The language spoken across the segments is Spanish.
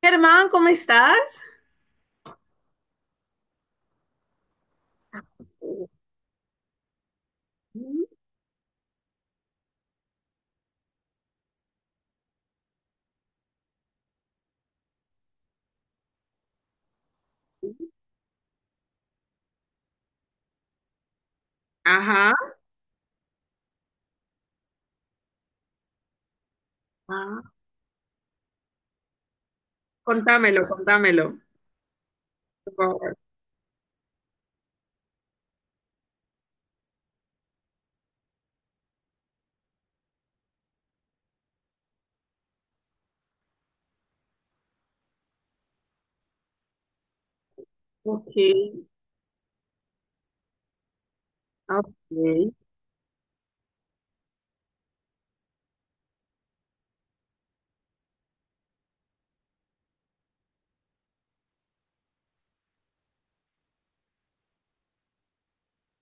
Germán, ¿cómo estás? Ajá. Ah, contámelo, contámelo, por favor. Ok, ok.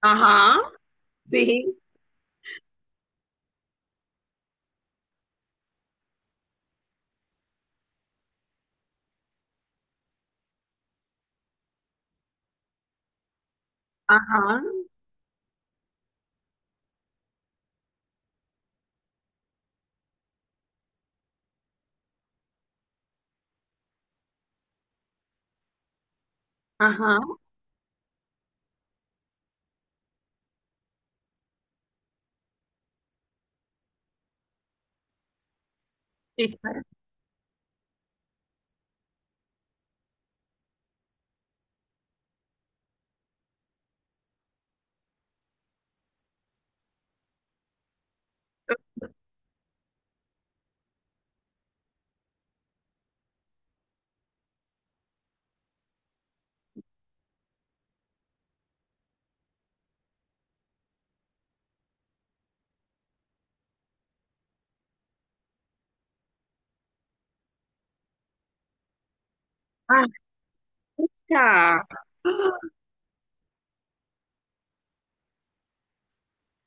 Ajá, sí, ajá, ajá, sí, ajá,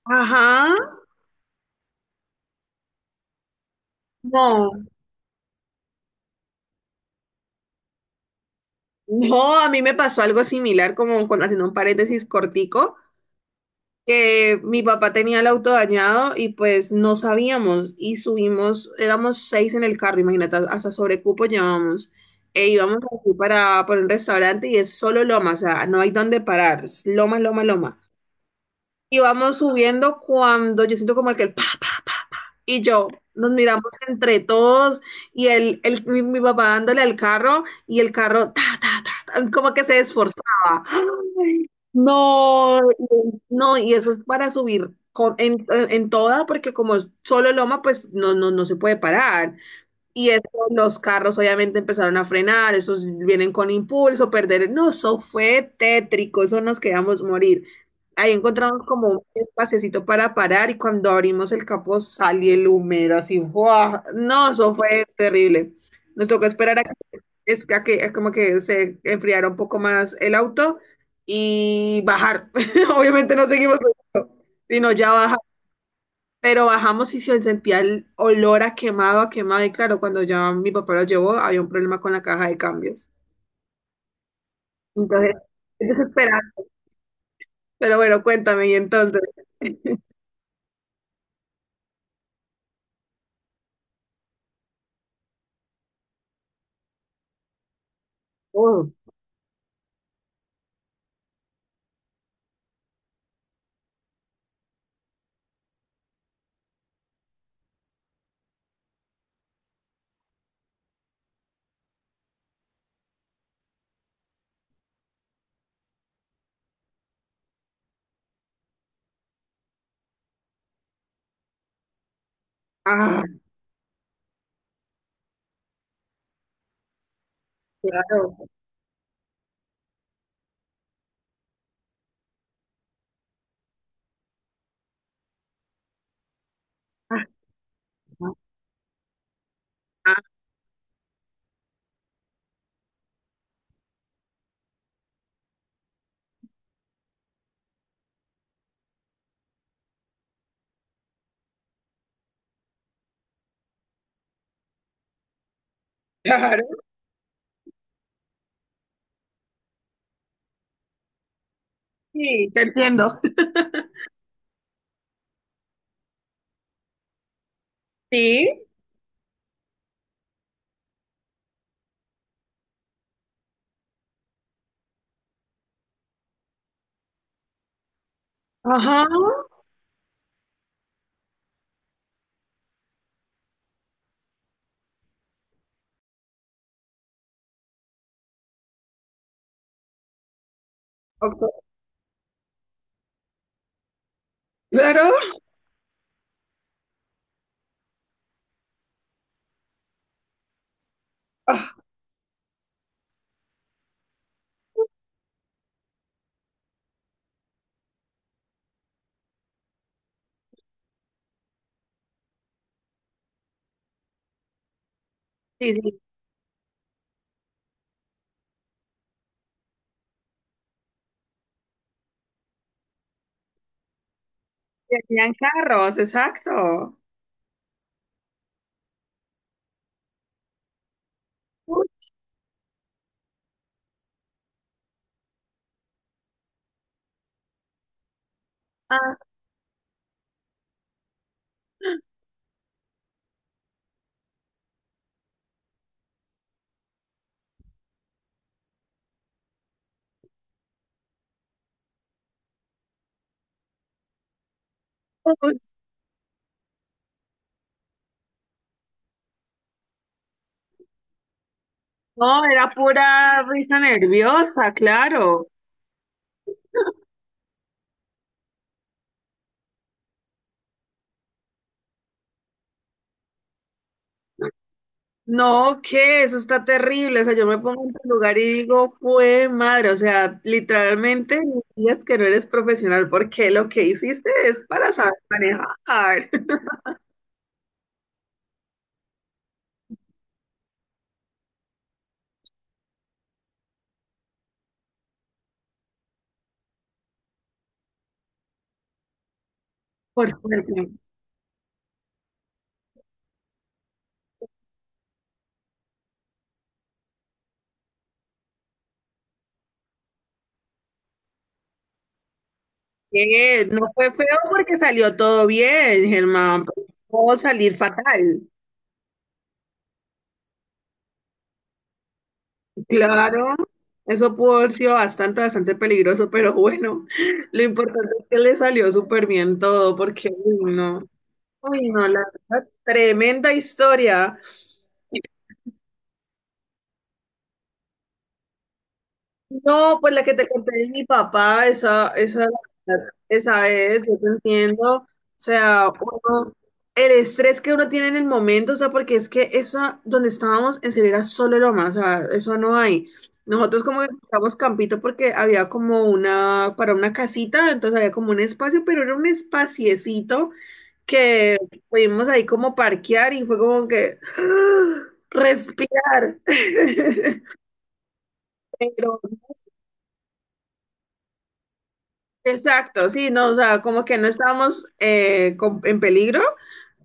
ajá. No, no, a mí me pasó algo similar, como con, haciendo un paréntesis cortico. Que mi papá tenía el auto dañado y pues no sabíamos y subimos, éramos seis en el carro, imagínate, hasta sobrecupo llevábamos. E íbamos aquí para un restaurante y es solo loma, o sea, no hay dónde parar, es loma, loma, loma. Y vamos subiendo cuando yo siento como el que el pa, pa, y yo nos miramos entre todos y mi papá dándole al carro y el carro ta, ta, ta, ta, como que se esforzaba. Ay, no, no, y eso es para subir en toda, porque como es solo loma, pues no, no, no se puede parar. Y eso, los carros obviamente empezaron a frenar, esos vienen con impulso, perder. No, eso fue tétrico, eso nos quedamos morir. Ahí encontramos como un espacecito para parar y cuando abrimos el capó salió el humero así, ¡fua! No, eso fue terrible. Nos tocó esperar a que, es que, como que se enfriara un poco más el auto y bajar. Obviamente no seguimos, sino ya bajar. Pero bajamos y se sentía el olor a quemado, a quemado. Y claro, cuando ya mi papá lo llevó, había un problema con la caja de cambios. Entonces, es desesperante. Pero bueno, cuéntame, y entonces. Oh, ah, claro. Ah, ah, claro, sí, te entiendo. Sí, ajá, ok, claro. Ah, sí, sí, tenían carros, exacto. Uy, ah, uy, no, era pura risa nerviosa, claro. No, que eso está terrible. O sea, yo me pongo en tu lugar y digo, fue madre. O sea, literalmente me digas que no eres profesional porque lo que hiciste es para saber manejar. Por suerte. ¿Qué? No fue feo porque salió todo bien, Germán. Pero pudo salir fatal. Claro, eso pudo haber sido bastante, bastante peligroso, pero bueno, lo importante es que le salió súper bien todo porque, uy, no. Uy, no, la verdad, tremenda historia. No, pues la que te conté de mi papá, esa es, yo te entiendo. O sea, uno, el estrés que uno tiene en el momento, o sea, porque es que esa, donde estábamos, en serio era solo loma, o sea, eso no hay. Nosotros como que estábamos campito porque había como una, para una casita, entonces había como un espacio, pero era un espaciecito que pudimos ahí como parquear y fue como que ¡ah! Respirar. Pero, exacto, sí, no, o sea, como que no estábamos en peligro,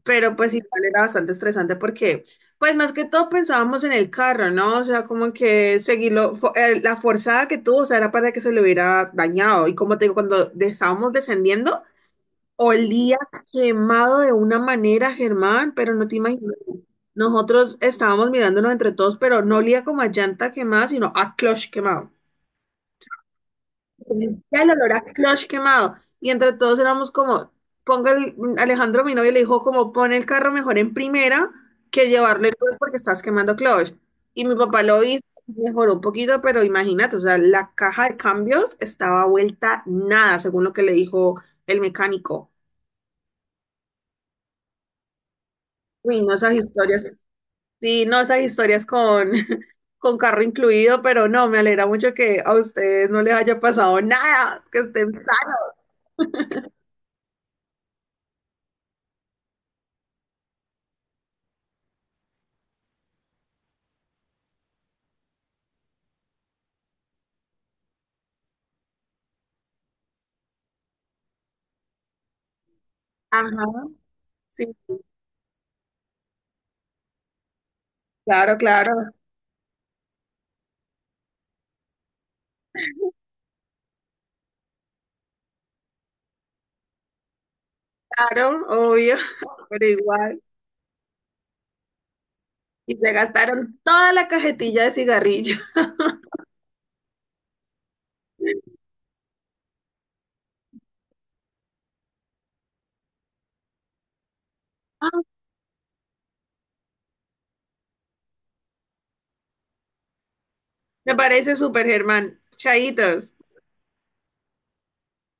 pero pues igual era bastante estresante porque, pues más que todo pensábamos en el carro, ¿no? O sea, como que seguirlo, la forzada que tuvo, o sea, era para que se le hubiera dañado. Y como te digo, cuando estábamos descendiendo, olía quemado de una manera, Germán, pero no te imaginas. Nosotros estábamos mirándonos entre todos, pero no olía como a llanta quemada, sino a clutch quemado. Ya el olor a clutch quemado. Y entre todos éramos como, Alejandro, mi novio, le dijo como, pon el carro mejor en primera que llevarlo entonces porque estás quemando clutch. Y mi papá lo hizo, mejoró un poquito, pero imagínate, o sea, la caja de cambios estaba vuelta nada, según lo que le dijo el mecánico. Uy, no, esas historias. Sí, no esas historias con, con carro incluido, pero no, me alegra mucho que a ustedes no les haya pasado nada, que estén sanos. Ajá, sí, claro, claro, claro, obvio, pero igual. Y se gastaron toda la cajetilla de cigarrillos. Ah, me parece súper, Germán. Chaitos.